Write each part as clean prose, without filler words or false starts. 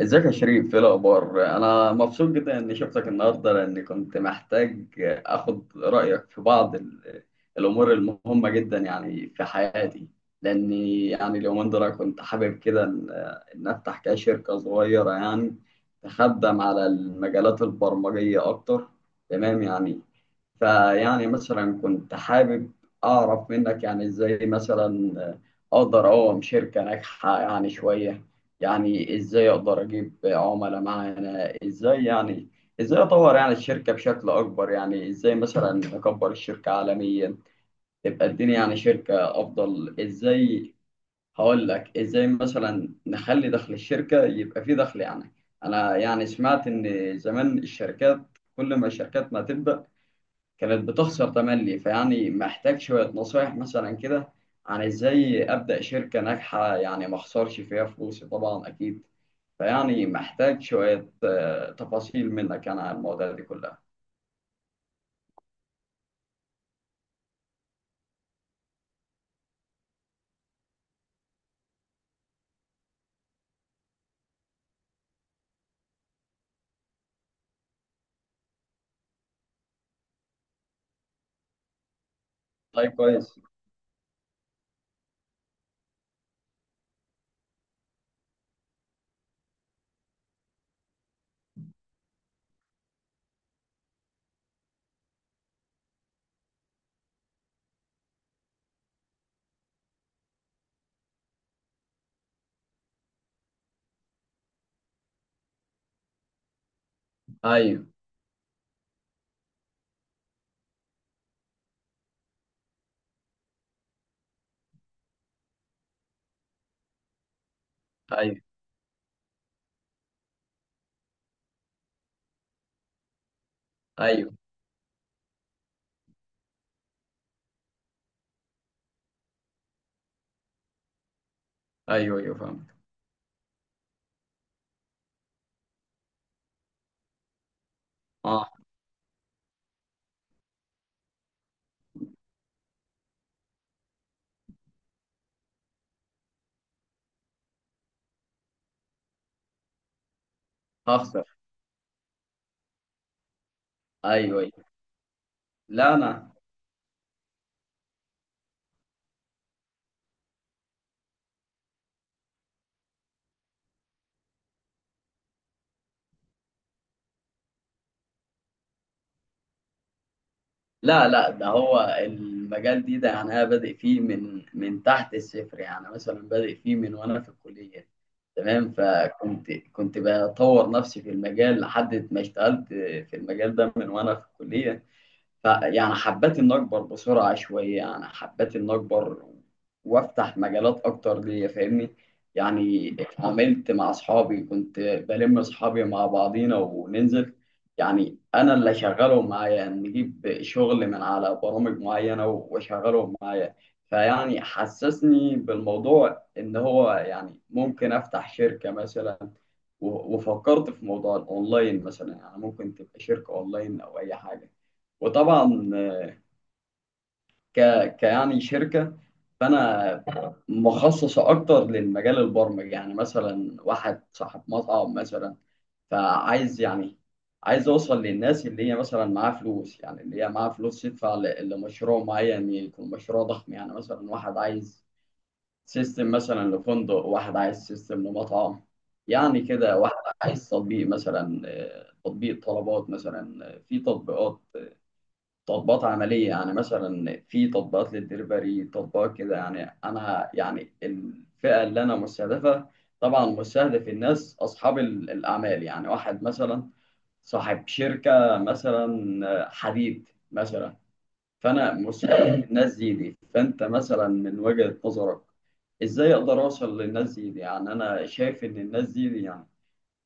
ازيك يا شريف؟ ايه الاخبار؟ انا مبسوط جدا اني شفتك النهارده، لاني كنت محتاج اخد رايك في بعض الامور المهمه جدا يعني في حياتي. لاني يعني اليومين دول كنت حابب كده إن افتح كده شركه صغيره يعني تخدم على المجالات البرمجيه اكتر. تمام يعني. فيعني مثلا كنت حابب اعرف منك يعني ازاي مثلا اقدر اقوم شركه ناجحه يعني شويه. يعني ازاي اقدر اجيب عملاء معانا؟ ازاي يعني ازاي اطور يعني الشركة بشكل اكبر؟ يعني ازاي مثلا اكبر الشركة عالميا تبقى الدنيا يعني شركة افضل ازاي؟ هقول لك ازاي مثلا نخلي دخل الشركة يبقى فيه دخل يعني. انا يعني سمعت ان زمان الشركات، كل ما الشركات ما تبدأ كانت بتخسر تملي. فيعني محتاج شوية نصايح مثلا كده عن ازاي أبدأ شركة ناجحة يعني ما اخسرش فيها فلوسي طبعا أكيد. فيعني محتاج شوية تفاصيل منك أنا عن المواضيع دي كلها. طيب، كويس. أيوه، أيوه، أيوه، أيوه، أيوه، فهمت. أه. هخسر. أيوه، أيوه. لا أنا. لا، لا، ده هو المجال ده يعني، أنا بادئ فيه من تحت الصفر يعني، مثلا بادئ فيه من وأنا في الكلية. تمام. فكنت بطور نفسي في المجال لحد ما اشتغلت في المجال ده من وانا في الكلية. فيعني حبيت إن أكبر بسرعة شوية، يعني حبيت إن أكبر وأفتح مجالات أكتر ليا، فاهمني؟ يعني اتعاملت مع أصحابي، كنت بلم أصحابي مع بعضينا وننزل، يعني أنا اللي أشغلهم معايا، نجيب شغل من على برامج معينة وأشغلهم معايا. فيعني حسسني بالموضوع إن هو يعني ممكن أفتح شركة مثلا. وفكرت في موضوع الأونلاين مثلا، يعني ممكن تبقى شركة أونلاين أو أي حاجة. وطبعا ك... كيعني شركة. فأنا مخصصة أكتر للمجال البرمجي. يعني مثلا واحد صاحب مطعم مثلا، فعايز يعني عايز أوصل للناس اللي هي مثلا معاها فلوس، يعني اللي هي معاها فلوس تدفع لمشروع معين يكون مشروع ضخم. يعني مثلا واحد عايز سيستم مثلا لفندق، واحد عايز سيستم لمطعم، يعني كده واحد عايز تطبيق مثلا، تطبيق طلبات مثلا، في تطبيقات عملية. يعني مثلا في تطبيقات للدليفري، تطبيقات كده. يعني أنا يعني الفئة اللي أنا مستهدفة، طبعا مستهدف الناس أصحاب الأعمال. يعني واحد مثلا صاحب شركة مثلا حديد مثلا. فأنا مستهدف الناس دي. فأنت مثلا من وجهة نظرك، إزاي أقدر أوصل للناس دي يعني؟ أنا شايف إن الناس دي يعني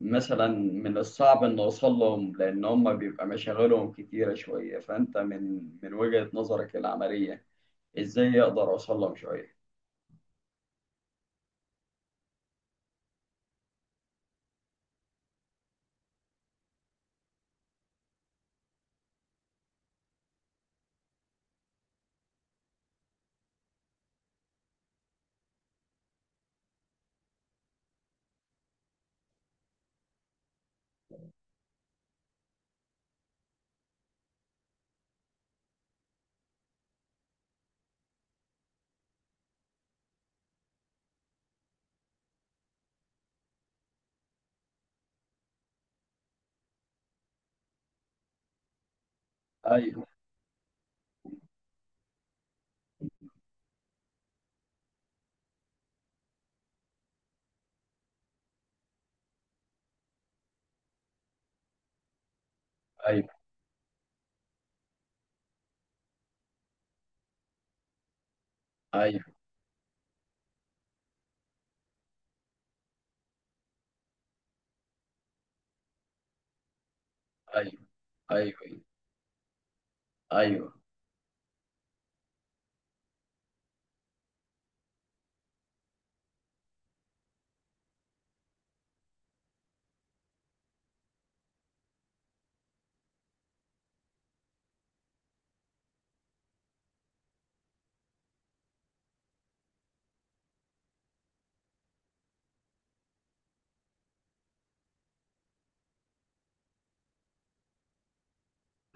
مثلا من الصعب ان اوصل لهم، لان هم بيبقى مشاغلهم كتيره شويه. فانت من وجهة نظرك العمليه، ازاي اقدر اوصل لهم شويه؟ ايوه، ايوه، ايوه، ايوه، ايوه، ايوه، ايوه،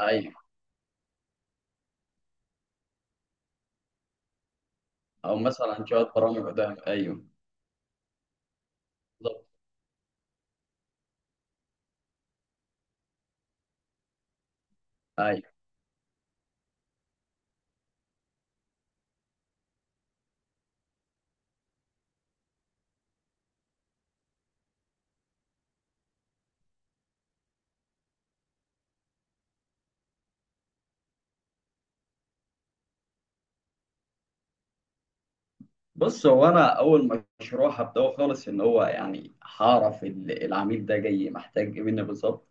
أيوه. او مثلا شويه برامج قدام، ايوه بالظبط. أيوه. بص، هو انا اول مشروع هبداه خالص ان هو يعني هعرف العميل ده جاي محتاج ايه مني بالظبط.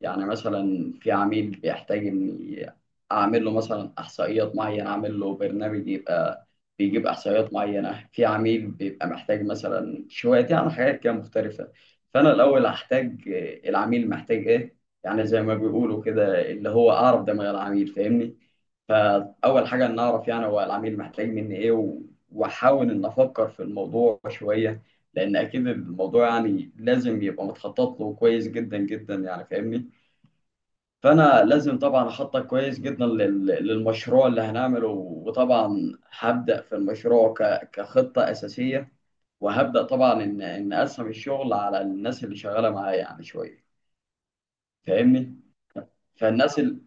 يعني مثلا في عميل بيحتاج اني اعمل له مثلا احصائيات معينه، اعمل له برنامج يبقى بيجيب احصائيات معينه. في عميل بيبقى محتاج مثلا شويه يعني حاجات كده مختلفه. فانا الاول هحتاج العميل محتاج ايه. يعني زي ما بيقولوا كده، اللي هو اعرف دماغ العميل، فاهمني؟ فاول حاجه ان اعرف يعني هو العميل محتاج مني ايه، واحاول ان افكر في الموضوع شويه، لان اكيد الموضوع يعني لازم يبقى متخطط له كويس جدا جدا، يعني فاهمني؟ فانا لازم طبعا اخطط كويس جدا للمشروع اللي هنعمله. وطبعا هبدا في المشروع كخطه اساسيه. وهبدا طبعا ان اقسم الشغل على الناس اللي شغاله معايا يعني شويه، فاهمني؟ فالناس ال...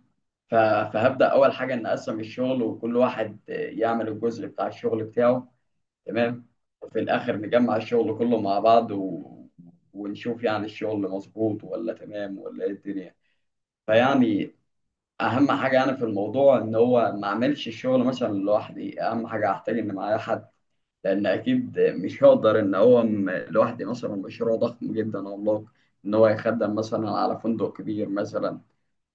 ف- فهبدا اول حاجه ان اقسم الشغل، وكل واحد يعمل الجزء بتاع الشغل بتاعه. تمام. وفي الآخر نجمع الشغل كله مع بعض ونشوف يعني الشغل مظبوط ولا تمام ولا إيه الدنيا. فيعني أهم حاجة يعني في الموضوع إن هو ما أعملش الشغل مثلا لوحدي. أهم حاجة أحتاج إن معايا حد، لأن أكيد مش هقدر إن هو لوحدي مثلا مشروع ضخم جدا عملاق، إن هو يخدم مثلا على فندق كبير مثلا.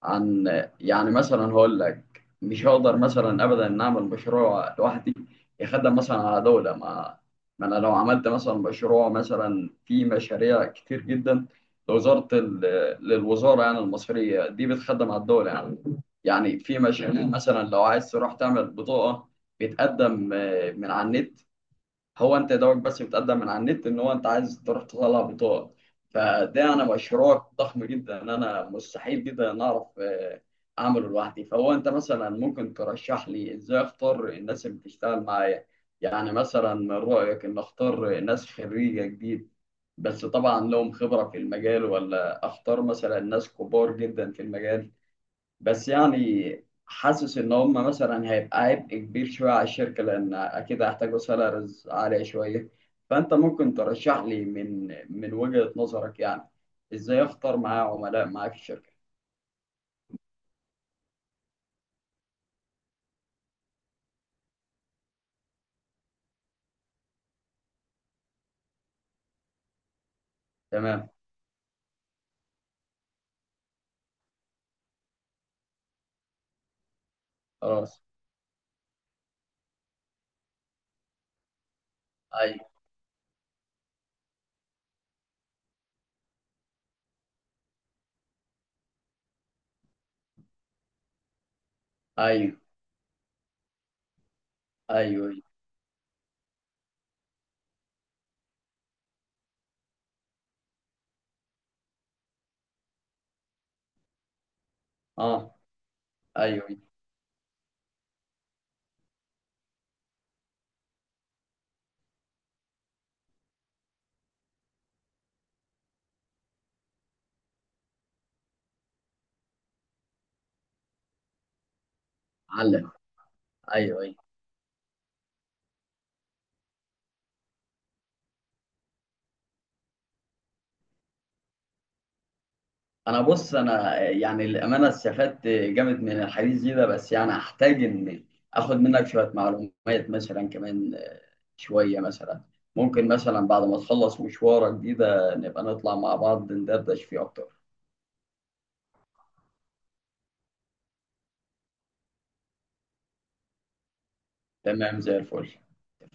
عن، يعني مثلا هقول لك، مش هقدر مثلا ابدا ان اعمل مشروع لوحدي يخدم مثلا على دوله ما. ما انا لو عملت مثلا مشروع، مثلا في مشاريع كتير جدا لوزاره ال- للوزاره يعني المصريه دي بتخدم على الدوله يعني. يعني في مشاريع مثلا لو عايز تروح تعمل بطاقه، بتقدم من على النت. هو انت يا دوبك بس بتقدم من على النت ان هو انت عايز تروح تطلع بطاقه. فده انا مشروع ضخم جدا، انا مستحيل جدا ان اعرف اعمله لوحدي. فهو انت مثلا ممكن ترشح لي ازاي اختار الناس اللي بتشتغل معايا؟ يعني مثلا من رايك ان اختار ناس خريجه جديد بس طبعا لهم خبره في المجال، ولا اختار مثلا ناس كبار جدا في المجال؟ بس يعني حاسس ان هم مثلا هيبقى عبء كبير شويه على الشركه، لان اكيد هيحتاجوا سالاريز عاليه شويه. فانت ممكن ترشح لي من وجهه نظرك يعني ازاي اختار معايا عملاء معايا في الشركه؟ تمام. خلاص. ايوه، ايوه، ايوه. اه. ايوه. علم. ايوه. انا بص، انا يعني الامانه استفدت جامد من الحديث ده. بس يعني احتاج ان اخد منك شويه معلومات مثلا كمان، شويه مثلا. ممكن مثلا بعد ما تخلص مشوارك ده نبقى نطلع مع بعض ندردش فيه اكتر. تمام، زي الفل.